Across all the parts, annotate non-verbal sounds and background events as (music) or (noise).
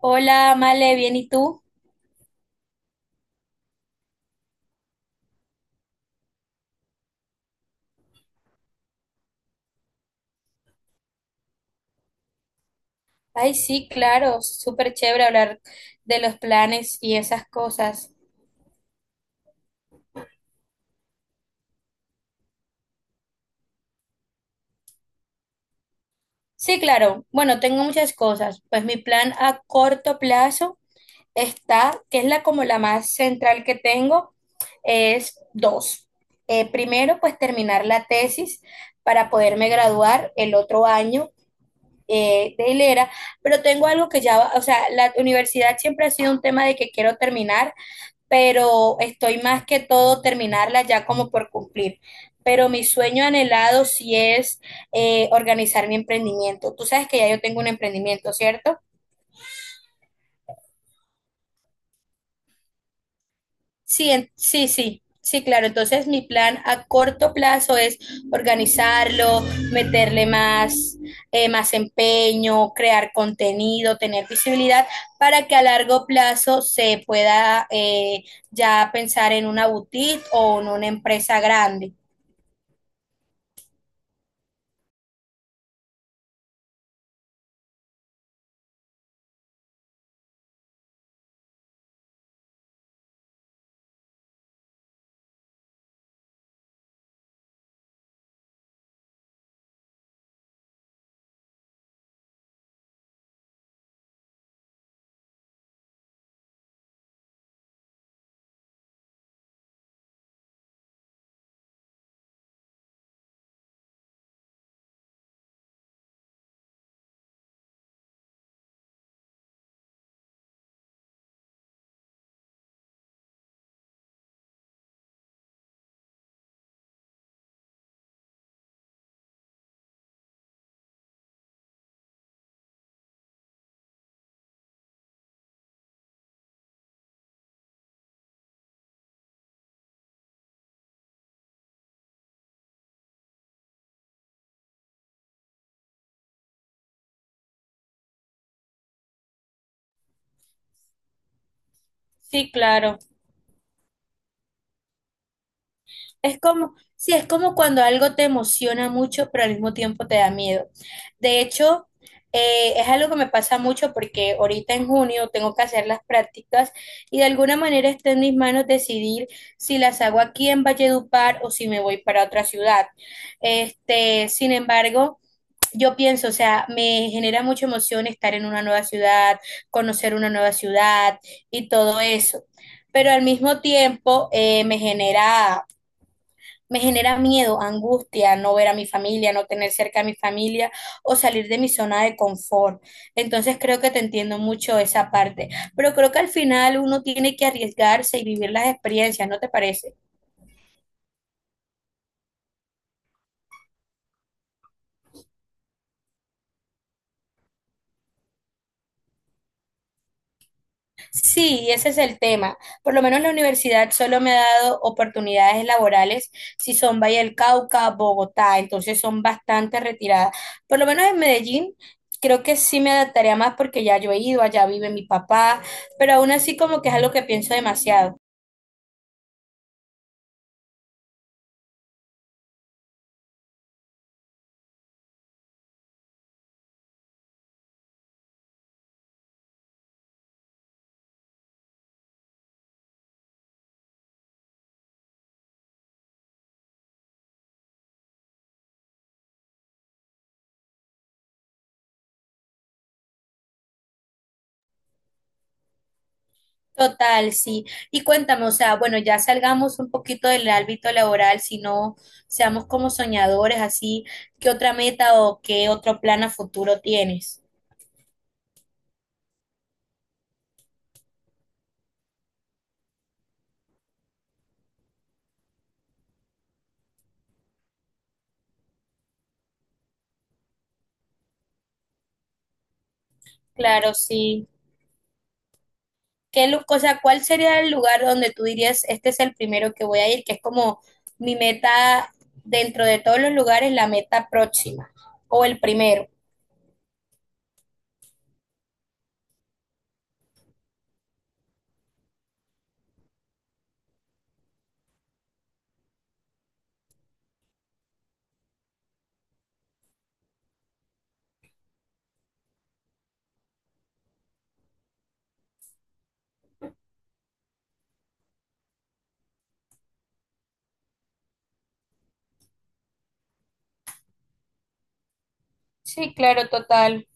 Hola, Male, ¿bien y tú? Ay, sí, claro, súper chévere hablar de los planes y esas cosas. Sí, claro, bueno, tengo muchas cosas. Pues mi plan a corto plazo está, que es la como la más central que tengo, es dos. Primero, pues terminar la tesis para poderme graduar el otro año de hilera, pero tengo algo que ya, o sea, la universidad siempre ha sido un tema de que quiero terminar pero estoy más que todo terminarla ya como por cumplir. Pero mi sueño anhelado sí es organizar mi emprendimiento. Tú sabes que ya yo tengo un emprendimiento, ¿cierto? Sí, sí, sí, claro. Entonces mi plan a corto plazo es organizarlo, meterle más, más empeño, crear contenido, tener visibilidad para que a largo plazo se pueda ya pensar en una boutique o en una empresa grande. Sí, claro. Es como, sí, es como cuando algo te emociona mucho, pero al mismo tiempo te da miedo. De hecho, es algo que me pasa mucho porque ahorita en junio tengo que hacer las prácticas y de alguna manera está en mis manos decidir si las hago aquí en Valledupar o si me voy para otra ciudad. Este, sin embargo, yo pienso, o sea, me genera mucha emoción estar en una nueva ciudad, conocer una nueva ciudad y todo eso. Pero al mismo tiempo me genera miedo, angustia, no ver a mi familia, no tener cerca a mi familia o salir de mi zona de confort. Entonces creo que te entiendo mucho esa parte. Pero creo que al final uno tiene que arriesgarse y vivir las experiencias, ¿no te parece? Sí, ese es el tema. Por lo menos la universidad solo me ha dado oportunidades laborales si son Valle del Cauca, Bogotá, entonces son bastante retiradas. Por lo menos en Medellín creo que sí me adaptaría más porque ya yo he ido, allá vive mi papá, pero aún así como que es algo que pienso demasiado. Total, sí. Y cuéntame, o sea, bueno, ya salgamos un poquito del ámbito laboral, si no seamos como soñadores, así, ¿qué otra meta o qué otro plan a futuro tienes? Claro, sí. ¿Qué, o sea, cuál sería el lugar donde tú dirías, este es el primero que voy a ir, que es como mi meta dentro de todos los lugares, la meta próxima o el primero? Sí, claro, total.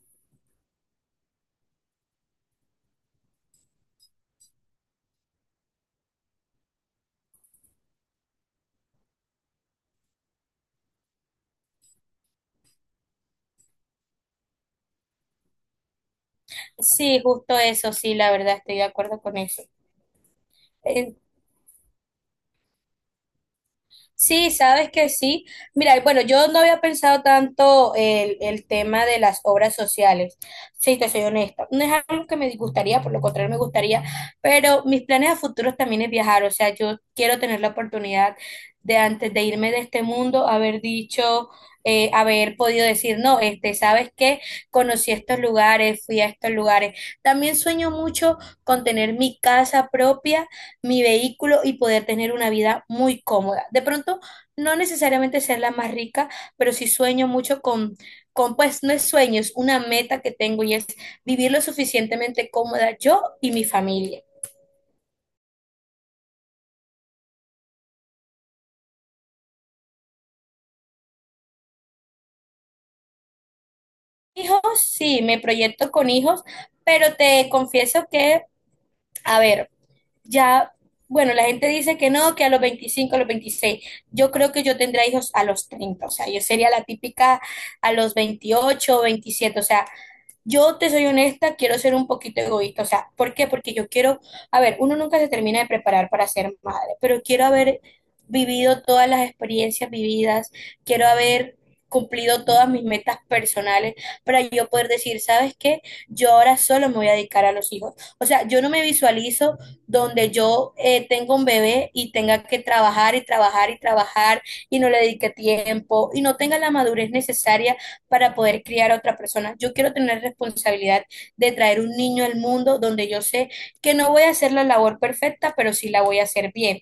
Sí, justo eso, sí, la verdad, estoy de acuerdo con eso. Eh, Sí, sabes que sí. Mira, y bueno, yo no había pensado tanto el tema de las obras sociales. Sí, te soy honesta. No es algo que me disgustaría, por lo contrario me gustaría, pero mis planes a futuros también es viajar. O sea, yo quiero tener la oportunidad de antes de irme de este mundo, haber dicho, haber podido decir, no, este, ¿sabes qué? Conocí estos lugares, fui a estos lugares. También sueño mucho con tener mi casa propia, mi vehículo y poder tener una vida muy cómoda. De pronto, no necesariamente ser la más rica, pero sí sueño mucho con, pues no es sueño, es una meta que tengo y es vivir lo suficientemente cómoda yo y mi familia. Hijos, sí, me proyecto con hijos, pero te confieso que, a ver, ya, bueno, la gente dice que no, que a los 25, a los 26. Yo creo que yo tendría hijos a los 30, o sea, yo sería la típica a los 28, 27, o sea, yo te soy honesta, quiero ser un poquito egoísta. O sea, ¿por qué? Porque yo quiero, a ver, uno nunca se termina de preparar para ser madre, pero quiero haber vivido todas las experiencias vividas, quiero haber cumplido todas mis metas personales para yo poder decir, ¿sabes qué? Yo ahora solo me voy a dedicar a los hijos. O sea, yo no me visualizo donde yo tengo un bebé y tenga que trabajar y trabajar y trabajar y no le dedique tiempo y no tenga la madurez necesaria para poder criar a otra persona. Yo quiero tener responsabilidad de traer un niño al mundo donde yo sé que no voy a hacer la labor perfecta, pero sí la voy a hacer bien.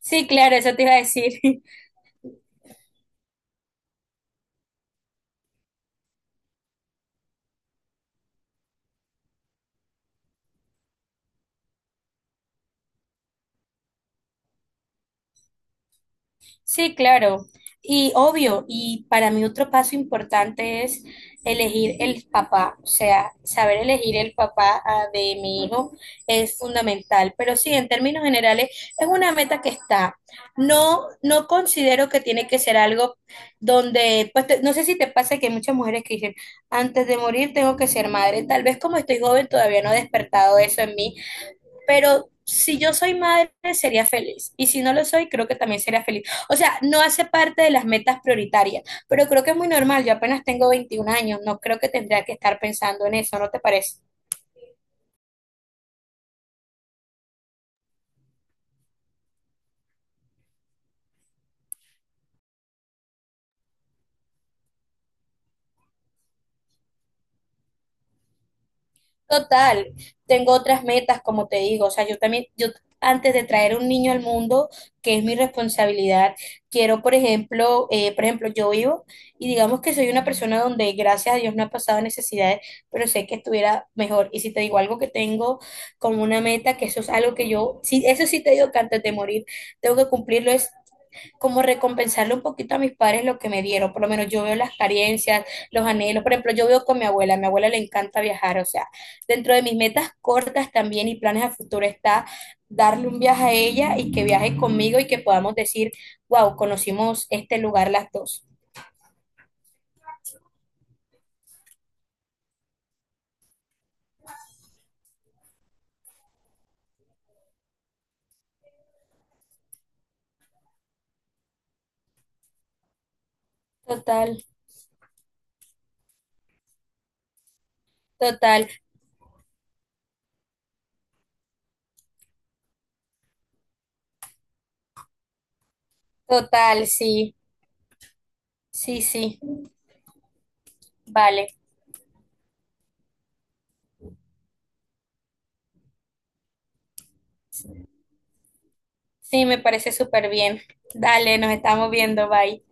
Sí, claro, eso te iba a decir. (laughs) Sí, claro. Y obvio, y para mí otro paso importante es elegir el papá, o sea, saber elegir el papá ah, de mi hijo es fundamental. Pero sí, en términos generales, es una meta que está. No, no considero que tiene que ser algo donde, pues no sé si te pasa que hay muchas mujeres que dicen, antes de morir tengo que ser madre. Tal vez como estoy joven todavía no he despertado eso en mí pero si yo soy madre, sería feliz. Y si no lo soy, creo que también sería feliz. O sea, no hace parte de las metas prioritarias, pero creo que es muy normal. Yo apenas tengo 21 años, no creo que tendría que estar pensando en eso, ¿no te parece? Total, tengo otras metas, como te digo, o sea, yo también, yo antes de traer un niño al mundo, que es mi responsabilidad, quiero, por ejemplo, yo vivo y digamos que soy una persona donde gracias a Dios no ha pasado necesidades, pero sé que estuviera mejor. Y si te digo algo que tengo como una meta, que eso es algo que yo, sí, eso sí te digo que antes de morir tengo que cumplirlo, es como recompensarle un poquito a mis padres lo que me dieron. Por lo menos yo veo las carencias, los anhelos. Por ejemplo, yo veo con mi abuela, a mi abuela le encanta viajar. O sea, dentro de mis metas cortas también y planes a futuro está darle un viaje a ella y que viaje conmigo y que podamos decir, wow, conocimos este lugar las dos. Total, total, total, sí, sí, sí. Vale, sí, me parece súper bien. Dale, nos estamos viendo, bye.